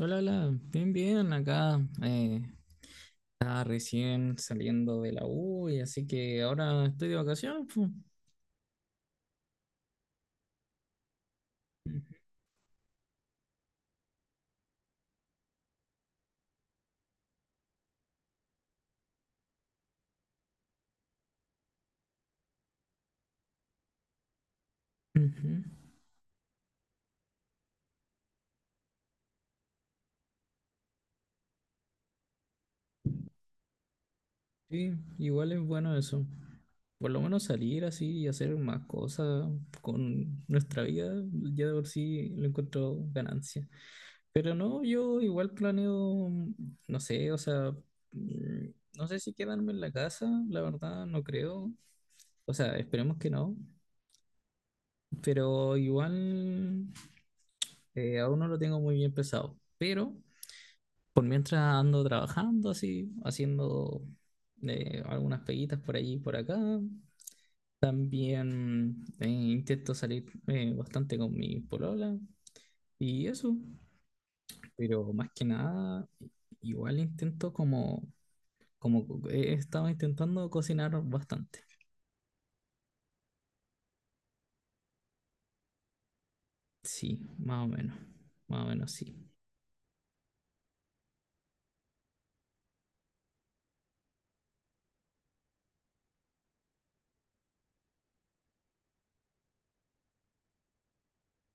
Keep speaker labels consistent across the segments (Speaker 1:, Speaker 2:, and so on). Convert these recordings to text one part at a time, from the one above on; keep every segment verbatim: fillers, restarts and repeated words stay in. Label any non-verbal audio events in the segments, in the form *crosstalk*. Speaker 1: Hola, hola, bien, bien, acá eh, estaba recién saliendo de la U, y así que ahora estoy de vacaciones, pu. Ujú. Sí, igual es bueno eso, por lo menos salir así y hacer más cosas con nuestra vida, ya de por sí lo encuentro ganancia. Pero no, yo igual planeo, no sé, o sea, mm, no sé si quedarme en la casa, la verdad, no creo, o sea, esperemos que no. Pero igual eh, aún no lo tengo muy bien pensado. Pero por mientras ando trabajando así, haciendo eh, algunas peguitas por allí y por acá. También eh, intento salir eh, bastante con mi polola y eso, pero más que nada, igual intento como, como co- he estado intentando cocinar bastante. Sí, más o menos, más o menos sí.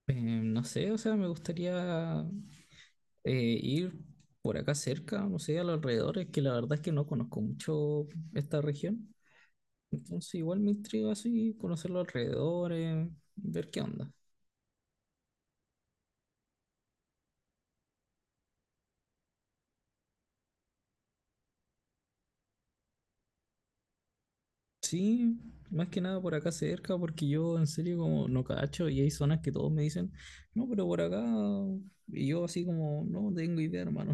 Speaker 1: Eh, no sé, o sea, me gustaría eh, ir por acá cerca, no sé, a los alrededores, que la verdad es que no conozco mucho esta región. Entonces igual me intriga así conocer los alrededores, ver qué onda. Sí, más que nada por acá cerca, porque yo en serio como no cacho y hay zonas que todos me dicen, no, pero por acá, y yo así como, no tengo idea, hermano.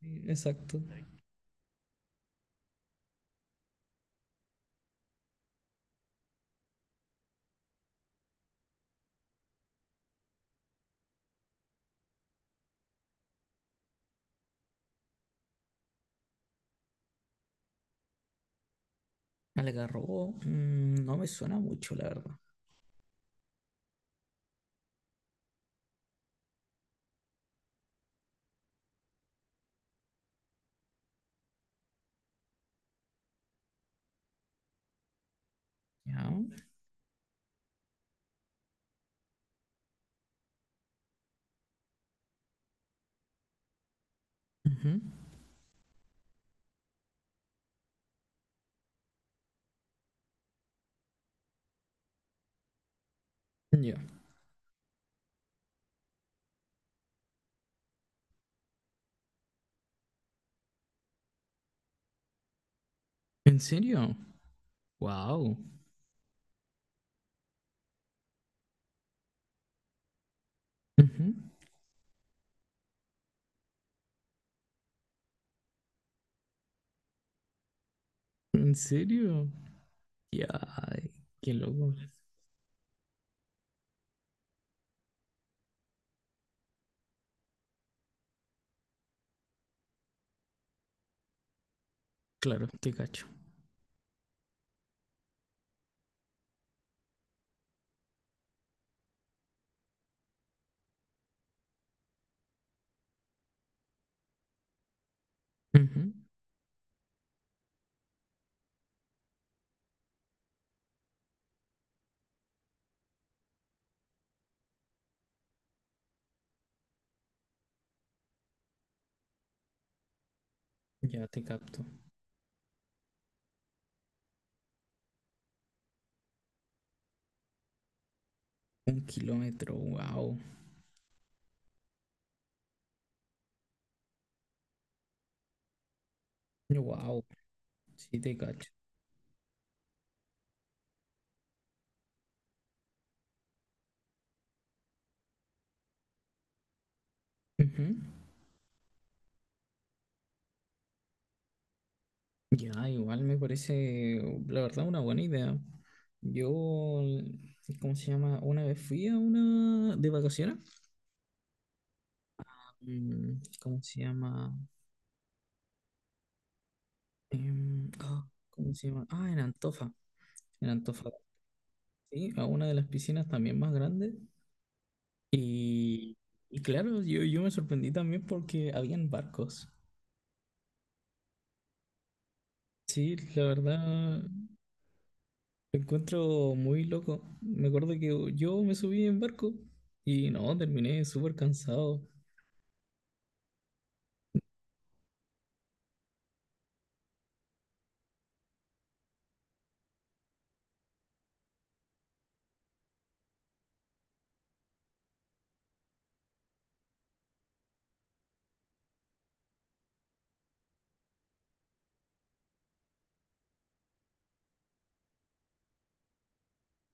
Speaker 1: Sí, exacto. Algarrobo, mm, no me suena mucho, la verdad. Ya. Ujú. Ya. ¿En serio? Wow. ¿En serio? Ya, ay, qué loco. Claro, te cacho. Ujú. Ya te capto. Un kilómetro, wow. Wow, sí te cacho. Ujú. Ya, igual me parece, la verdad, una buena idea. Yo, ¿cómo se llama? Una vez fui a una de vacaciones. Mm, ¿cómo se llama? Em, ah, ¿cómo se llama? Ah, en Antofa. En Antofa, sí, a una de las piscinas también más grandes. Y, y claro, yo, yo me sorprendí también porque habían barcos. Sí, la verdad, lo encuentro muy loco. Me acuerdo que yo me subí en barco y no, terminé súper cansado.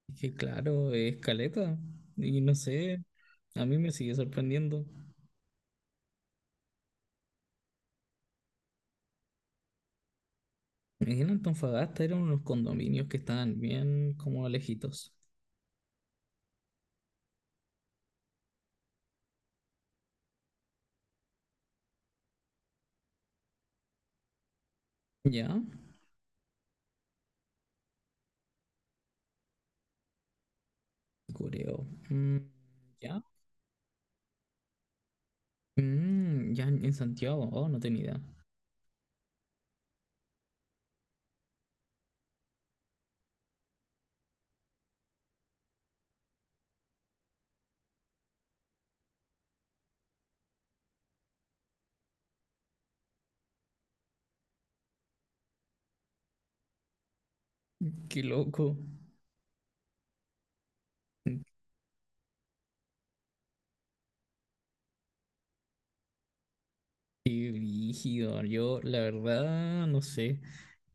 Speaker 1: Es que claro, es caleta. Y no sé, a mí me sigue sorprendiendo. En Antofagasta eran unos condominios que estaban bien como alejitos. ¿Ya? Cureo. Mm, ¿ya? Mm, ya en en Santiago. Oh, no tenía idea. Qué loco. Qué rígido. Yo, la verdad, no sé.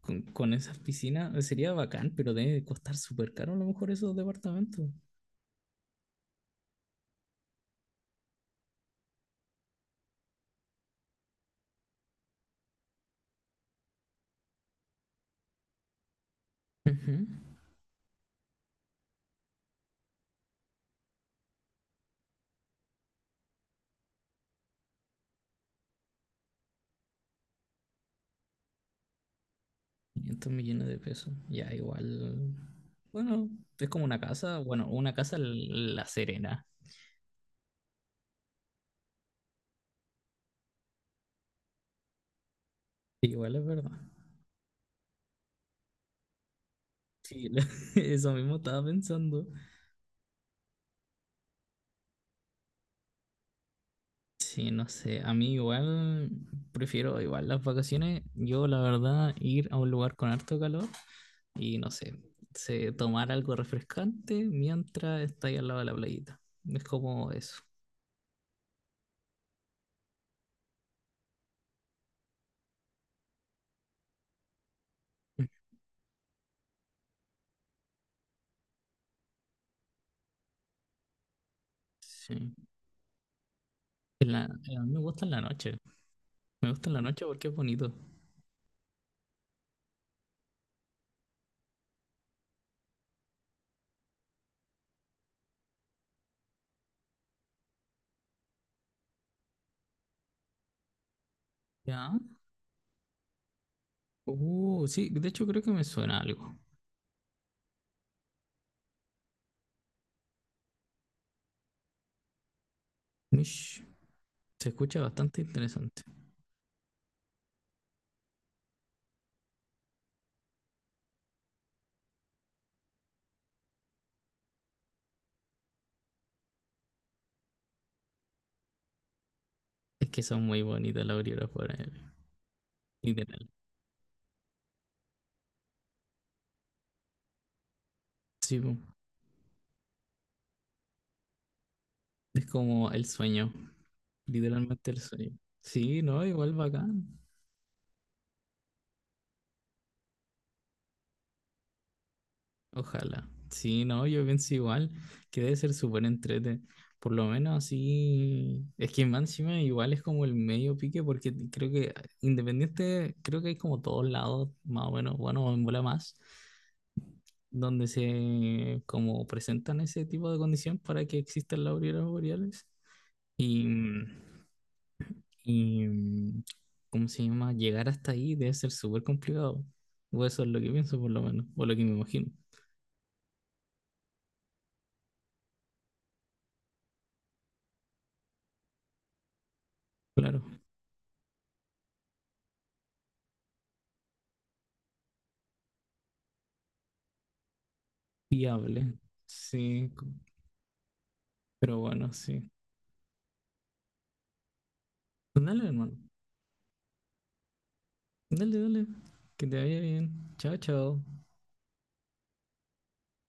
Speaker 1: Con, con esas piscinas sería bacán, pero debe costar súper caro a lo mejor esos departamentos. Ujú. quinientos millones de pesos. Ya, igual. Bueno, es como una casa. Bueno, una casa l- La Serena. Igual es verdad. Sí, la- *laughs* eso mismo estaba pensando. Sí, no sé. A mí igual prefiero igual las vacaciones. Yo, la verdad, ir a un lugar con harto calor. Y no sé, se, tomar algo refrescante mientras está ahí al lado de la playita. Es como eso. Sí. En la- a mí me gusta en la noche. Me gusta en la noche porque es bonito. ¿Ya? Uh, sí, de hecho creo que me suena algo. Mish. Se escucha bastante interesante. Es que son muy bonitas las auroras boreales. Literal. Sí, po. Es como el sueño. Literalmente el sueño. Sí, no, igual bacán. Ojalá. Sí, no, yo pienso igual que debe ser súper entrete. Por lo menos así. Es que más encima igual es como el medio pique, porque creo que independiente, creo que hay como todos lados, más o menos, bueno, en bola más, donde se como presentan ese tipo de condición para que existan las auroras boreales. Y, y ¿cómo se llama? Llegar hasta ahí debe ser súper complicado. O eso es lo que pienso, por lo menos, o lo que me imagino. Claro. Fiable. Sí, pero bueno, sí. Pues dale, hermano. Dale, dale. Que te vaya bien. Chao, chao.